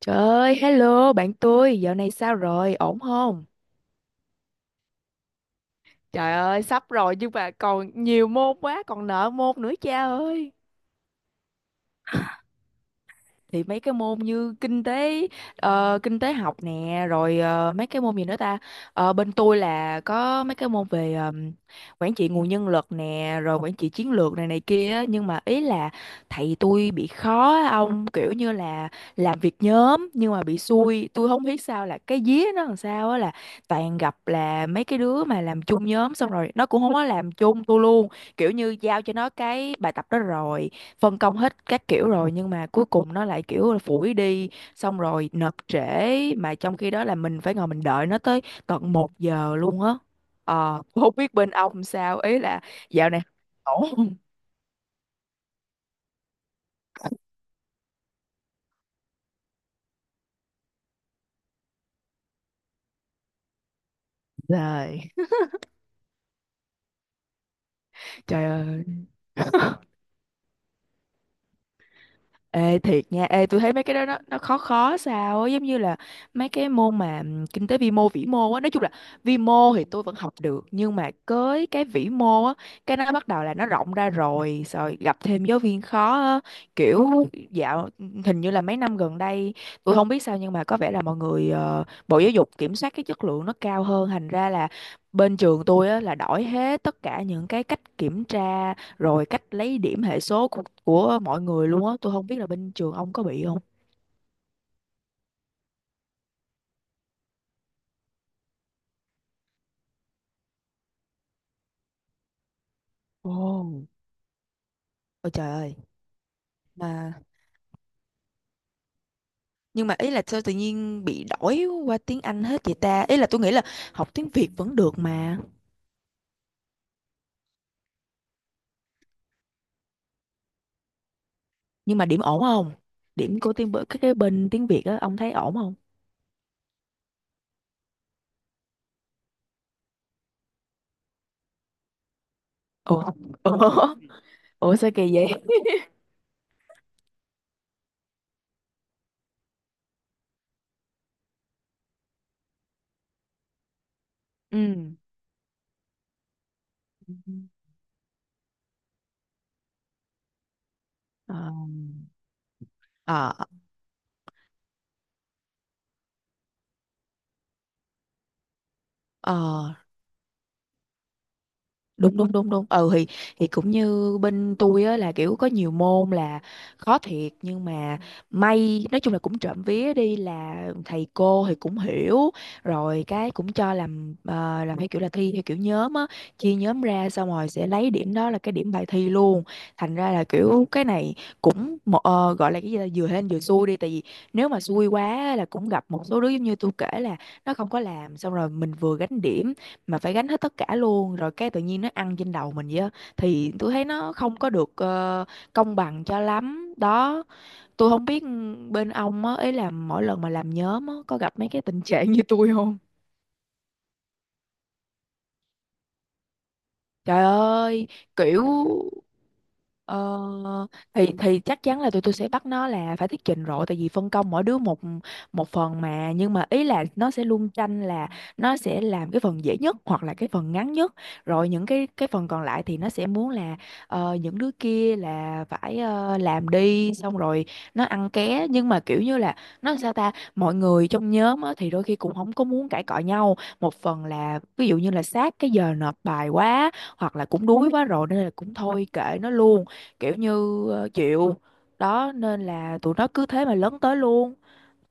Trời ơi, hello bạn tôi, dạo này sao rồi, ổn không? Trời ơi, sắp rồi nhưng mà còn nhiều môn quá, còn nợ môn nữa cha ơi. Thì mấy cái môn như kinh tế kinh tế học nè, rồi mấy cái môn gì nữa ta. Ờ, bên tôi là có mấy cái môn về quản trị nguồn nhân lực nè, rồi quản trị chiến lược này này kia á. Nhưng mà ý là thầy tôi bị khó á, ông kiểu như là làm việc nhóm nhưng mà bị xui, tôi không biết sao là cái vía nó làm sao á, là toàn gặp là mấy cái đứa mà làm chung nhóm xong rồi nó cũng không có làm chung tôi luôn. Kiểu như giao cho nó cái bài tập đó rồi phân công hết các kiểu rồi, nhưng mà cuối cùng nó lại kiểu là phủi đi, xong rồi nộp trễ, mà trong khi đó là mình phải ngồi mình đợi nó tới tận một giờ luôn á. Không biết bên ông sao, ý là dạo này ổn không? Trời Trời ơi. Ê thiệt nha, ê tôi thấy mấy cái đó nó khó khó sao á, giống như là mấy cái môn mà kinh tế vi mô vĩ mô á, nói chung là vi mô thì tôi vẫn học được, nhưng mà với cái vĩ mô á, cái nó bắt đầu là nó rộng ra rồi, rồi gặp thêm giáo viên khó á, kiểu dạo hình như là mấy năm gần đây tôi không biết sao, nhưng mà có vẻ là mọi người Bộ Giáo dục kiểm soát cái chất lượng nó cao hơn, thành ra là bên trường tôi á là đổi hết tất cả những cái cách kiểm tra rồi cách lấy điểm hệ số của mọi người luôn á, tôi không biết là bên trường ông có bị không. Ồ, ôi trời ơi mà. Nhưng mà ý là sao tự nhiên bị đổi qua tiếng Anh hết vậy ta? Ý là tôi nghĩ là học tiếng Việt vẫn được mà. Nhưng mà điểm ổn không, điểm của tiếng cái bên tiếng Việt á ông thấy ổn không? Ủa. Ủa. Ủa sao kỳ vậy. Ừ. Ờ. Ờ, ờ đúng đúng đúng đúng, ừ thì cũng như bên tôi á là kiểu có nhiều môn là khó thiệt, nhưng mà may nói chung là cũng trộm vía đi là thầy cô thì cũng hiểu, rồi cái cũng cho làm theo kiểu là thi theo kiểu nhóm á, chia nhóm ra xong rồi sẽ lấy điểm đó là cái điểm bài thi luôn. Thành ra là kiểu cái này cũng một, gọi là cái gì, là vừa hên vừa xui đi, tại vì nếu mà xui quá á là cũng gặp một số đứa giống như tôi kể là nó không có làm, xong rồi mình vừa gánh điểm mà phải gánh hết tất cả luôn, rồi cái tự nhiên nó ăn trên đầu mình vậy á, thì tôi thấy nó không có được công bằng cho lắm đó. Tôi không biết bên ông á, ấy là mỗi lần mà làm nhóm á có gặp mấy cái tình trạng như tôi không? Trời ơi, kiểu. Ờ, thì chắc chắn là tụi tôi sẽ bắt nó là phải thuyết trình rồi, tại vì phân công mỗi đứa một một phần mà, nhưng mà ý là nó sẽ luôn tranh là nó sẽ làm cái phần dễ nhất hoặc là cái phần ngắn nhất, rồi những cái phần còn lại thì nó sẽ muốn là những đứa kia là phải làm đi, xong rồi nó ăn ké. Nhưng mà kiểu như là nó sao ta, mọi người trong nhóm á, thì đôi khi cũng không có muốn cãi cọ nhau, một phần là ví dụ như là sát cái giờ nộp bài quá hoặc là cũng đuối quá rồi, nên là cũng thôi kệ nó luôn. Kiểu như chịu đó, nên là tụi nó cứ thế mà lấn tới luôn.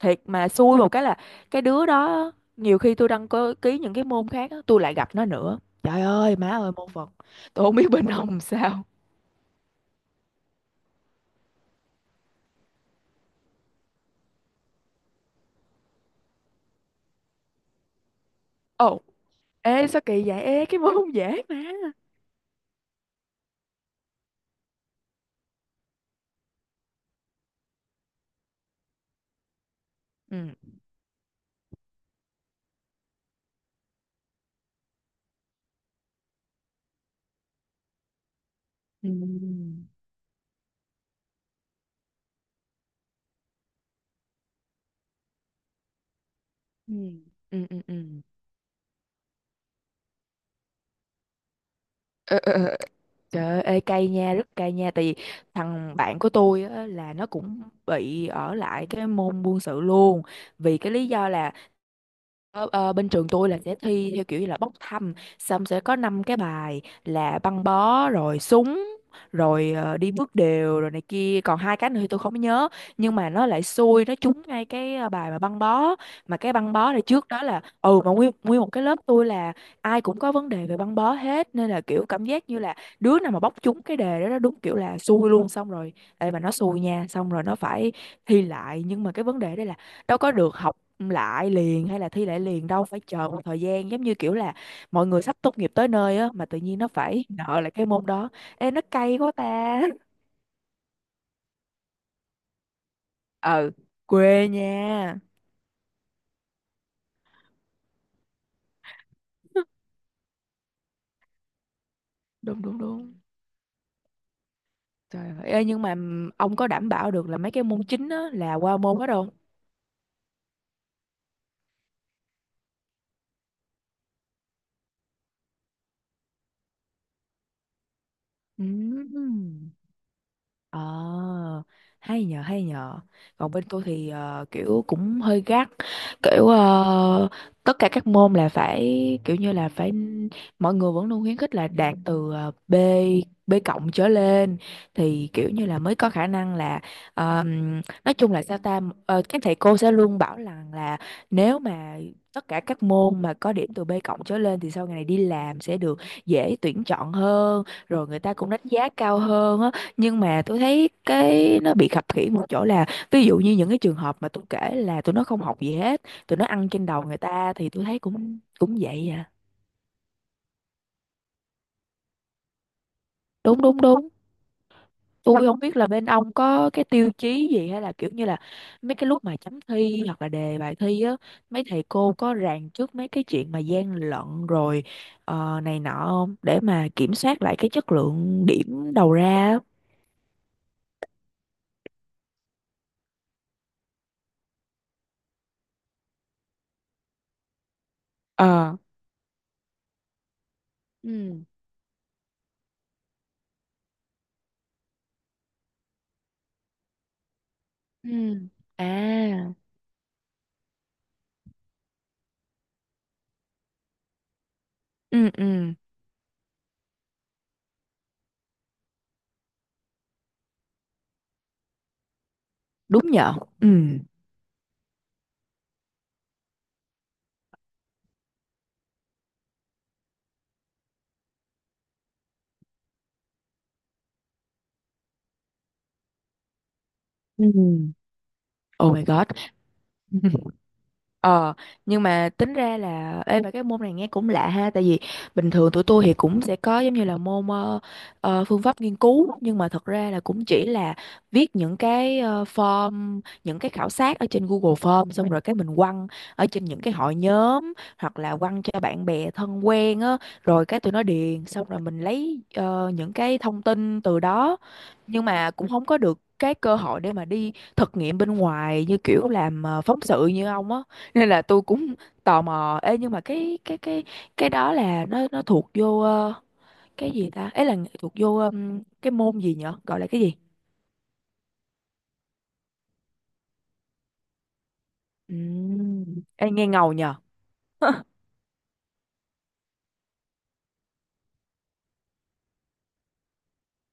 Thiệt mà xui một cái là cái đứa đó nhiều khi tôi ký những cái môn khác á, tôi lại gặp nó nữa, trời ơi má ơi môn vật. Tôi không biết bên ông sao. Ồ, ê sao kỳ vậy, ê cái môn không dễ mà. Ừ. Ừ. Ừ. Ừ, ừ, ừ. Trời ơi, ê, cay nha, rất cay nha. Tại vì thằng bạn của tôi á, là nó cũng bị ở lại cái môn buôn sự luôn. Vì cái lý do là bên trường tôi là sẽ thi theo kiểu như là bốc thăm, xong sẽ có năm cái bài là băng bó rồi súng rồi đi bước đều rồi này kia, còn hai cái nữa thì tôi không nhớ. Nhưng mà nó lại xui, nó trúng ngay cái bài mà băng bó. Mà cái băng bó này trước đó là mà nguyên nguyên một cái lớp tôi là ai cũng có vấn đề về băng bó hết, nên là kiểu cảm giác như là đứa nào mà bóc trúng cái đề đó đúng kiểu là xui luôn. Xong rồi ê mà nó xui nha, xong rồi nó phải thi lại. Nhưng mà cái vấn đề đây là đâu có được học lại liền hay là thi lại liền đâu, phải chờ một thời gian giống như kiểu là mọi người sắp tốt nghiệp tới nơi á, mà tự nhiên nó phải nợ lại cái môn đó. Ê nó cay quá ta ừ, quê nha. Đúng đúng đúng. Trời ơi. Ê, nhưng mà ông có đảm bảo được là mấy cái môn chính á là qua môn hết không? Ừm. Ờ, hay nhờ hay nhờ. Còn bên tôi thì kiểu cũng hơi gắt, kiểu tất cả các môn là phải, kiểu như là phải, mọi người vẫn luôn khuyến khích là đạt từ B B cộng trở lên thì kiểu như là mới có khả năng là nói chung là sao ta, các thầy cô sẽ luôn bảo rằng là nếu mà tất cả các môn mà có điểm từ B cộng trở lên thì sau này đi làm sẽ được dễ tuyển chọn hơn, rồi người ta cũng đánh giá cao hơn á. Nhưng mà tôi thấy cái nó bị khập khiễng một chỗ là ví dụ như những cái trường hợp mà tôi kể là tụi nó không học gì hết, tụi nó ăn trên đầu người ta, thì tôi thấy cũng cũng vậy à. Đúng đúng đúng. Tôi không biết là bên ông có cái tiêu chí gì hay là kiểu như là mấy cái lúc mà chấm thi hoặc là đề bài thi á, mấy thầy cô có ràng trước mấy cái chuyện mà gian lận rồi này nọ không, để mà kiểm soát lại cái chất lượng điểm đầu ra á. Ờ. Ừ. Ừ. À. Ừ. Ừ. Đúng nhở. Ừ. Ừ. Oh my god. Ờ, nhưng mà tính ra là ê mà cái môn này nghe cũng lạ ha, tại vì bình thường tụi tôi thì cũng sẽ có giống như là môn phương pháp nghiên cứu, nhưng mà thật ra là cũng chỉ là viết những cái form, những cái khảo sát ở trên Google Form, xong rồi cái mình quăng ở trên những cái hội nhóm hoặc là quăng cho bạn bè thân quen á, rồi cái tụi nó điền, xong rồi mình lấy những cái thông tin từ đó. Nhưng mà cũng không có được cái cơ hội để mà đi thực nghiệm bên ngoài như kiểu làm phóng sự như ông á, nên là tôi cũng tò mò. Ê, nhưng mà cái đó là nó thuộc vô cái gì ta, ấy là thuộc vô cái môn gì nhở, gọi là cái gì. Ừm. Ê, nghe ngầu nhờ.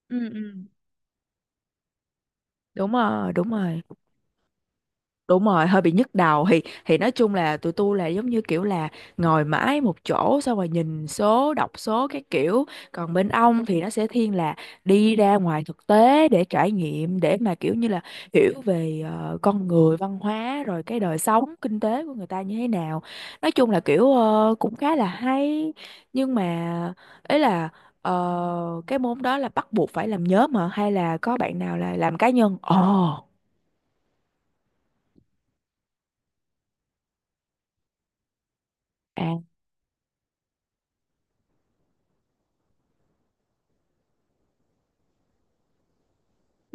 Ừ, ừ. Đúng rồi đúng rồi đúng rồi, hơi bị nhức đầu thì nói chung là tụi tôi là giống như kiểu là ngồi mãi một chỗ xong rồi nhìn số đọc số cái kiểu, còn bên ông thì nó sẽ thiên là đi ra ngoài thực tế để trải nghiệm, để mà kiểu như là hiểu về con người văn hóa rồi cái đời sống kinh tế của người ta như thế nào, nói chung là kiểu cũng khá là hay. Nhưng mà, ấy là cái môn đó là bắt buộc phải làm nhóm mà hay là có bạn nào là làm cá nhân ồ. À.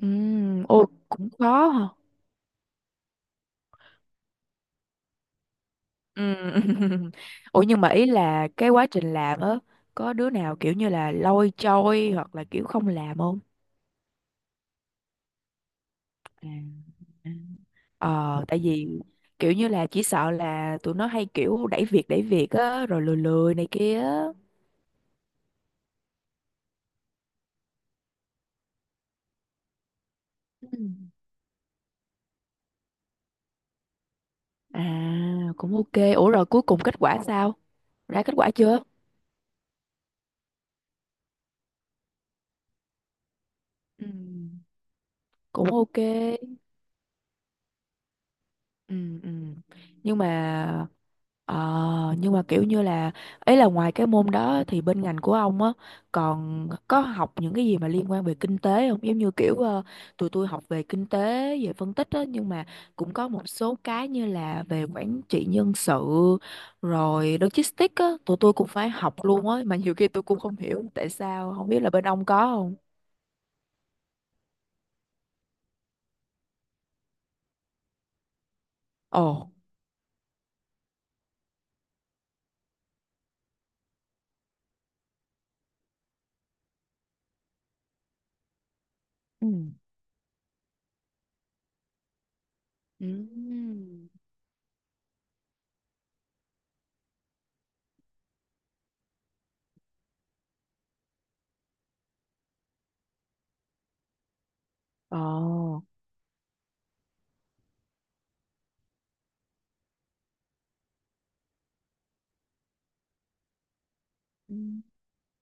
Ôi cũng khó hả? Ừm. Ủa nhưng mà ý là cái quá trình làm á, có đứa nào kiểu như là lôi trôi hoặc là kiểu không làm không? À, à. Ờ, tại vì kiểu như là chỉ sợ là tụi nó hay kiểu đẩy việc á, rồi lười lười này kia á. Ừ. À, cũng ok. Ủa rồi cuối cùng kết quả sao? Ra kết quả chưa? Ừ. Cũng ok. Ừ, ừ nhưng mà nhưng mà kiểu như là ấy là ngoài cái môn đó thì bên ngành của ông á còn có học những cái gì mà liên quan về kinh tế không, giống như kiểu tụi tôi học về kinh tế, về phân tích á, nhưng mà cũng có một số cái như là về quản trị nhân sự rồi logistics á tụi tôi cũng phải học luôn á, mà nhiều khi tôi cũng không hiểu tại sao không biết là bên ông có không. Ồ. Ừ. Ừ. Ồ,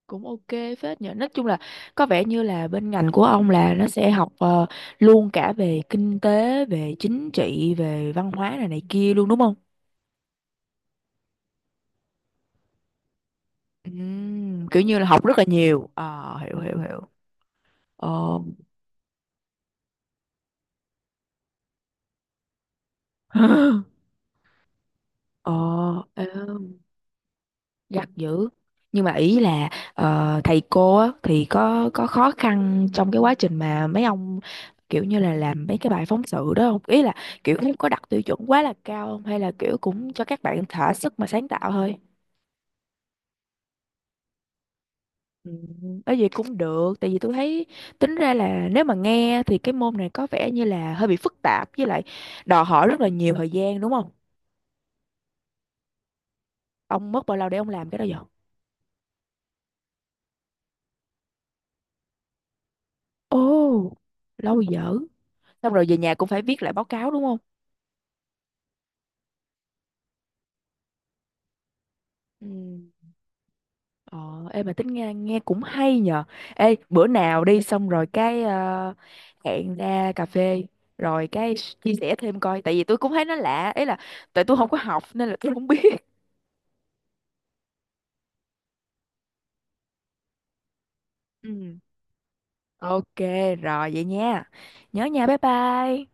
cũng ok phết nhờ, nói chung là có vẻ như là bên ngành của ông là nó sẽ học luôn cả về kinh tế, về chính trị, về văn hóa này này kia luôn đúng không. Kiểu như là học rất là nhiều. Ờ, hiểu hiểu hiểu. Ờ. Ờ ờ, gắt dữ. Nhưng mà ý là thầy cô á, thì có khó khăn trong cái quá trình mà mấy ông kiểu như là làm mấy cái bài phóng sự đó không, ý là kiểu không có đặt tiêu chuẩn quá là cao không hay là kiểu cũng cho các bạn thỏa sức mà sáng tạo thôi. Ừ, bởi vì cũng được, tại vì tôi thấy tính ra là nếu mà nghe thì cái môn này có vẻ như là hơi bị phức tạp, với lại đòi hỏi rất là nhiều thời gian đúng không. Ông mất bao lâu để ông làm cái đó vậy? Ồ, lâu dở. Xong rồi về nhà cũng phải viết lại báo cáo đúng không. Ừ. Ờ, em mà tính nghe nghe cũng hay nhờ. Ê, bữa nào đi xong rồi cái hẹn ra cà phê rồi cái chia sẻ thêm coi, tại vì tôi cũng thấy nó lạ, ý là tại tôi không có học nên là tôi không biết. Ừ. Ok, rồi vậy nha. Nhớ nha, bye bye.